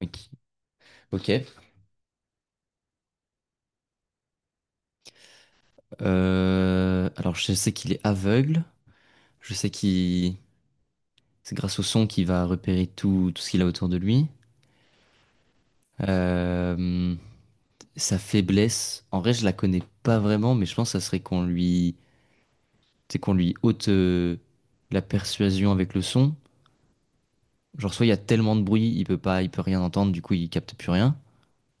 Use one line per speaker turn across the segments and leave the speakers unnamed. Ok. Ok. Alors, je sais qu'il est aveugle. Je sais qu'il C'est grâce au son qu'il va repérer tout ce qu'il a autour de lui. Euh, sa faiblesse, en vrai, je la connais pas vraiment, mais je pense que ça serait qu'on lui... C'est qu'on lui ôte la persuasion avec le son. Genre, soit il y a tellement de bruit, il peut rien entendre, du coup, il capte plus rien.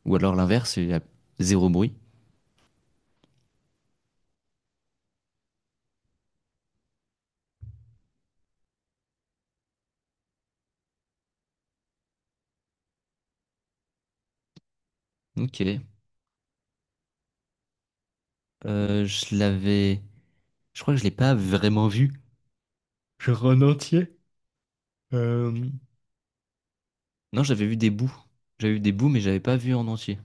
Ou alors l'inverse, il y a zéro bruit. Ok. Je l'avais... Je crois que je l'ai pas vraiment vu. Genre en entier. Euh, Non, j'avais vu des bouts. J'avais vu des bouts, mais j'avais pas vu en entier.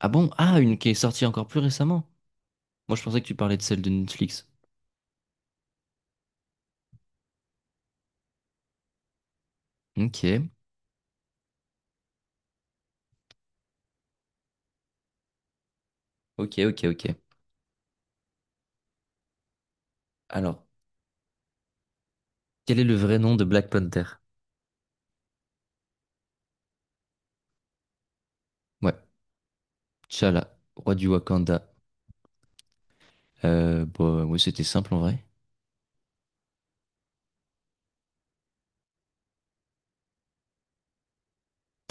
Ah bon? Ah, une qui est sortie encore plus récemment. Moi, je pensais que tu parlais de celle de Netflix. Ok, ok, ok, ok. Alors, quel est le vrai nom de Black Panther? Ouais, T'Challa, roi du Wakanda. Bah, ouais, c'était simple en vrai.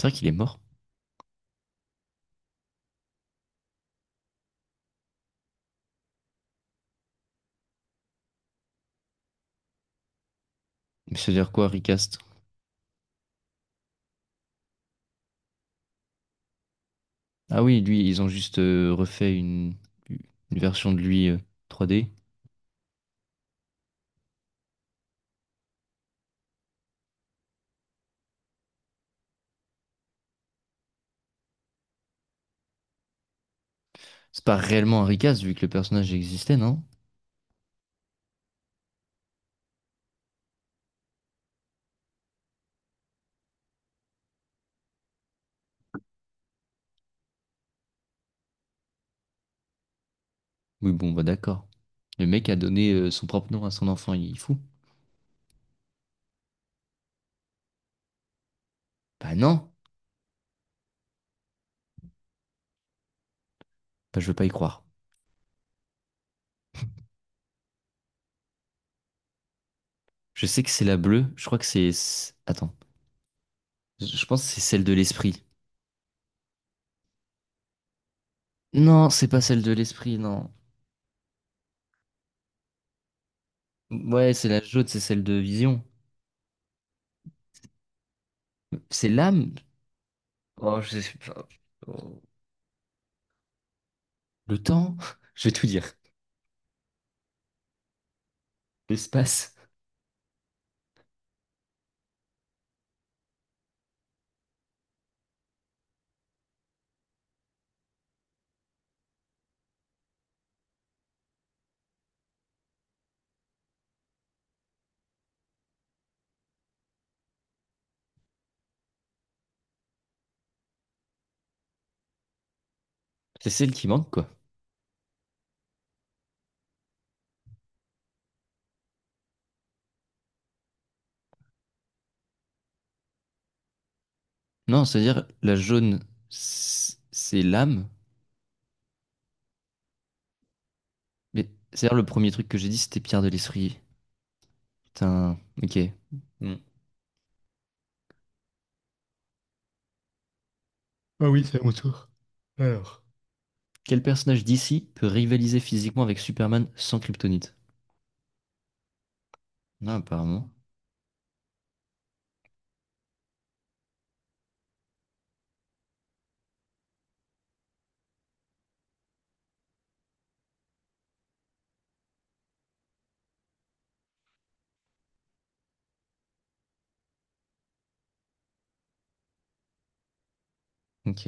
C'est vrai qu'il est mort. Mais ça veut dire quoi, recast? Ah oui, lui, ils ont juste refait une version de lui 3D. C'est pas réellement un recast vu que le personnage existait, non? Oui, bon, bah d'accord. Le mec a donné son propre nom à son enfant, il est fou. Bah non, bah, je veux pas y croire. Je sais que c'est la bleue, je crois que c'est... Attends, je pense que c'est celle de l'esprit. Non, c'est pas celle de l'esprit, non. Ouais, c'est la jaune, c'est celle de Vision. C'est l'âme? Oh, je sais pas. Oh. Le temps? Je vais tout dire. L'espace. C'est celle qui manque, quoi. Non, c'est-à-dire, la jaune, c'est l'âme. Mais c'est-à-dire, le premier truc que j'ai dit, c'était Pierre de l'esprit. Putain, ok. Hmm. Ah oui, c'est à mon tour. Alors. Quel personnage d'ici peut rivaliser physiquement avec Superman sans kryptonite? Non, apparemment. Ok.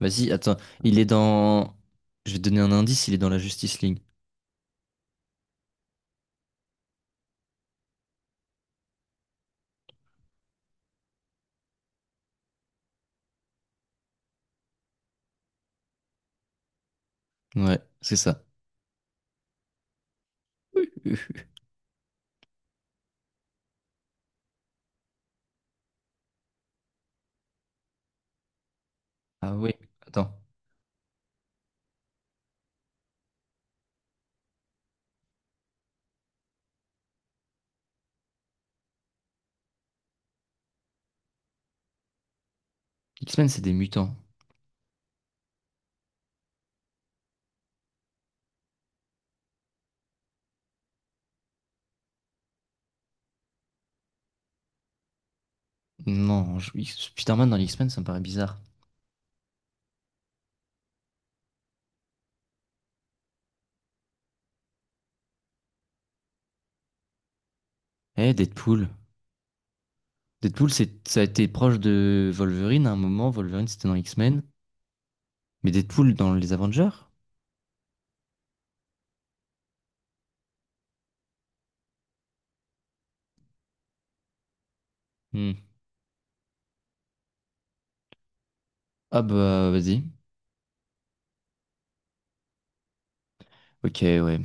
Vas-y, attends. Il est dans. Je vais te donner un indice, il est dans la Justice League. Ouais, c'est ça. Ah oui, attends. X-Men, c'est des mutants. Non, je- X- Spider-Man dans les X-Men, ça me paraît bizarre. Eh, Deadpool. Deadpool, ça a été proche de Wolverine à un moment. Wolverine, c'était dans X-Men. Mais Deadpool dans les Avengers? Hmm. Ah bah, vas-y. Ok, ouais.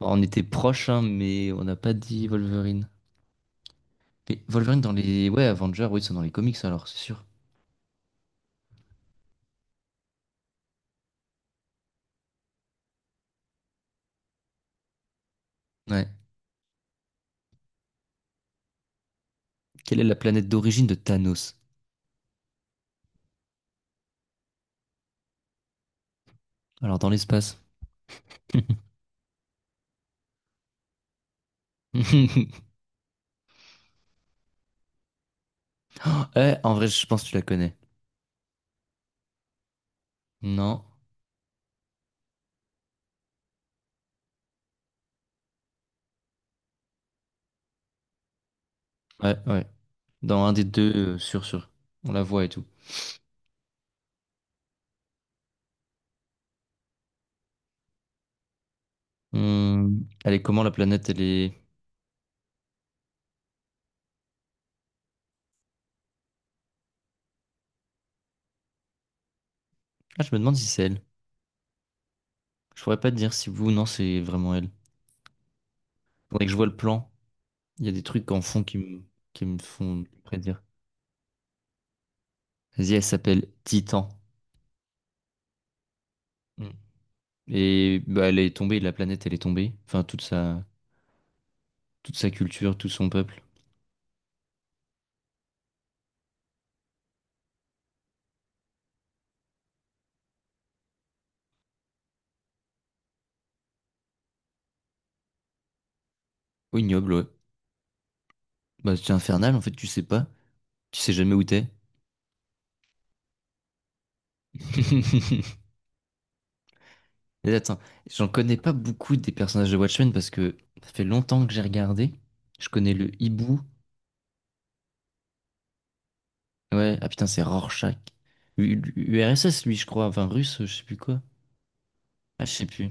Bon, on était proche, hein, mais on n'a pas dit Wolverine. Mais Wolverine dans les... Ouais, Avengers, oui, ils sont dans les comics alors, c'est sûr. Ouais. Quelle est la planète d'origine de Thanos? Alors, dans l'espace. Oh, eh, en vrai, je pense que tu la connais. Non. Ouais, ouais. Dans un des deux, sûr, sûr. On la voit et tout. Hmm, elle est comment la planète? Elle est... Ah, je me demande si c'est elle. Je pourrais pas te dire si vous, non, c'est vraiment elle. Faudrait que je vois le plan. Il y a des trucs en fond qui me font prédire. Vas-y, elle s'appelle Titan. Hmm. Et bah, elle est tombée, la planète, elle est tombée. Toute sa culture, tout son peuple. Oh, ignoble, ouais. Bah, c'est infernal, en fait, tu sais pas. Tu sais jamais où t'es. Mais attends, j'en connais pas beaucoup des personnages de Watchmen parce que ça fait longtemps que j'ai regardé. Je connais le hibou. Ouais, ah putain, c'est Rorschach. URSS, lui, je crois. Enfin, russe, je sais plus quoi. Ah, je sais plus.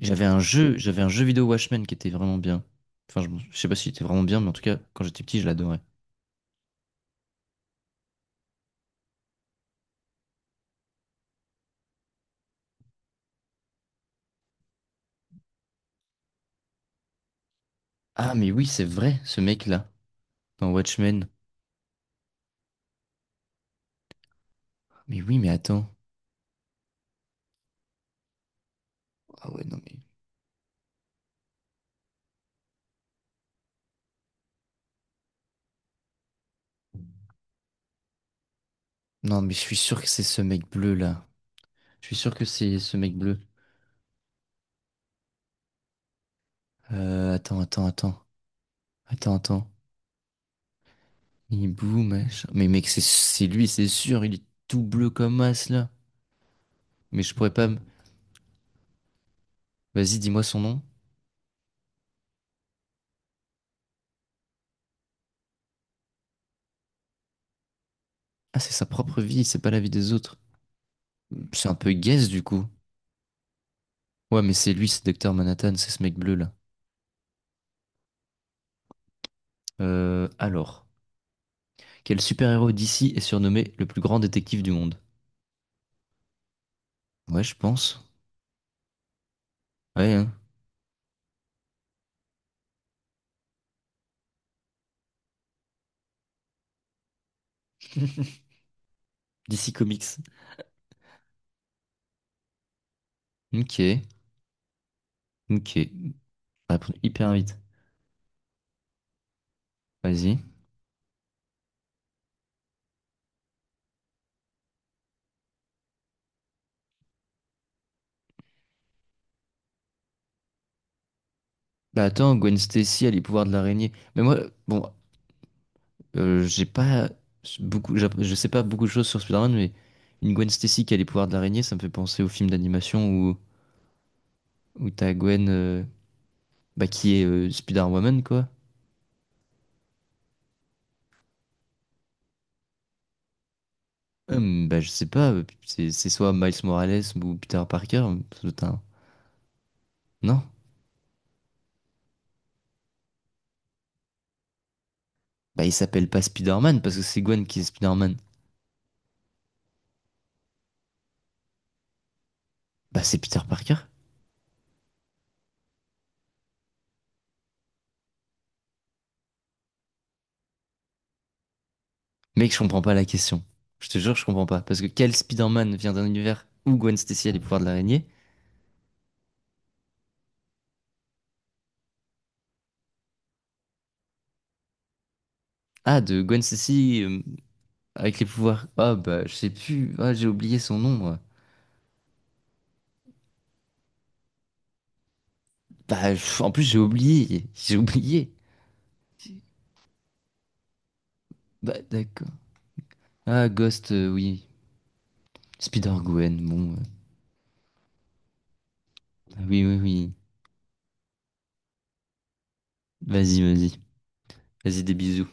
J'avais un jeu vidéo Watchmen qui était vraiment bien. Enfin, je sais pas s'il était vraiment bien, mais en tout cas, quand j'étais petit, je l'adorais. Ah, mais oui, c'est vrai, ce mec-là, dans Watchmen. Mais oui, mais attends. Ah ouais, non, mais. Non, mais je suis sûr que c'est ce mec bleu là. Je suis sûr que c'est ce mec bleu. Attends, attends, attends. Attends, attends. Hibou, machin. Mais mec, c'est lui, c'est sûr. Il est tout bleu comme as là. Mais je pourrais pas. Me- Vas-y, dis-moi son nom. Ah, c'est sa propre vie, c'est pas la vie des autres. C'est un peu guess du coup. Ouais, mais c'est lui, c'est Docteur Manhattan, c'est ce mec bleu là. Alors. Quel super-héros d'ici est surnommé le plus grand détective du monde? Ouais, je pense. Ouais, hein. DC Comics. Ok, ok. On va répondre hyper vite. Vas-y. Bah attends, Gwen Stacy a les pouvoirs de l'araignée. Mais moi, bon, j'ai pas beaucoup, je sais pas beaucoup de choses sur Spider-Man, mais une Gwen Stacy qui a les pouvoirs de l'araignée, ça me fait penser au film d'animation où t'as Gwen, bah, qui est Spider-Woman, quoi. Bah je sais pas, c'est soit Miles Morales ou Peter Parker, putain. Non. Bah il s'appelle pas Spider-Man parce que c'est Gwen qui est Spider-Man. Bah c'est Peter Parker. Mec, je comprends pas la question. Je te jure, je comprends pas. Parce que quel Spider-Man vient d'un univers où Gwen Stacy a les pouvoirs de l'araignée? Ah, de Gwen Stacy avec les pouvoirs. Ah, bah, je sais plus. Ah, j'ai oublié son nom, moi. Bah, pff, en plus, j'ai oublié. J'ai oublié. Bah, d'accord. Ah, Ghost, oui. Spider-Gwen, bon. Ah, oui, oui, oui. Vas-y, vas-y. Vas-y, des bisous.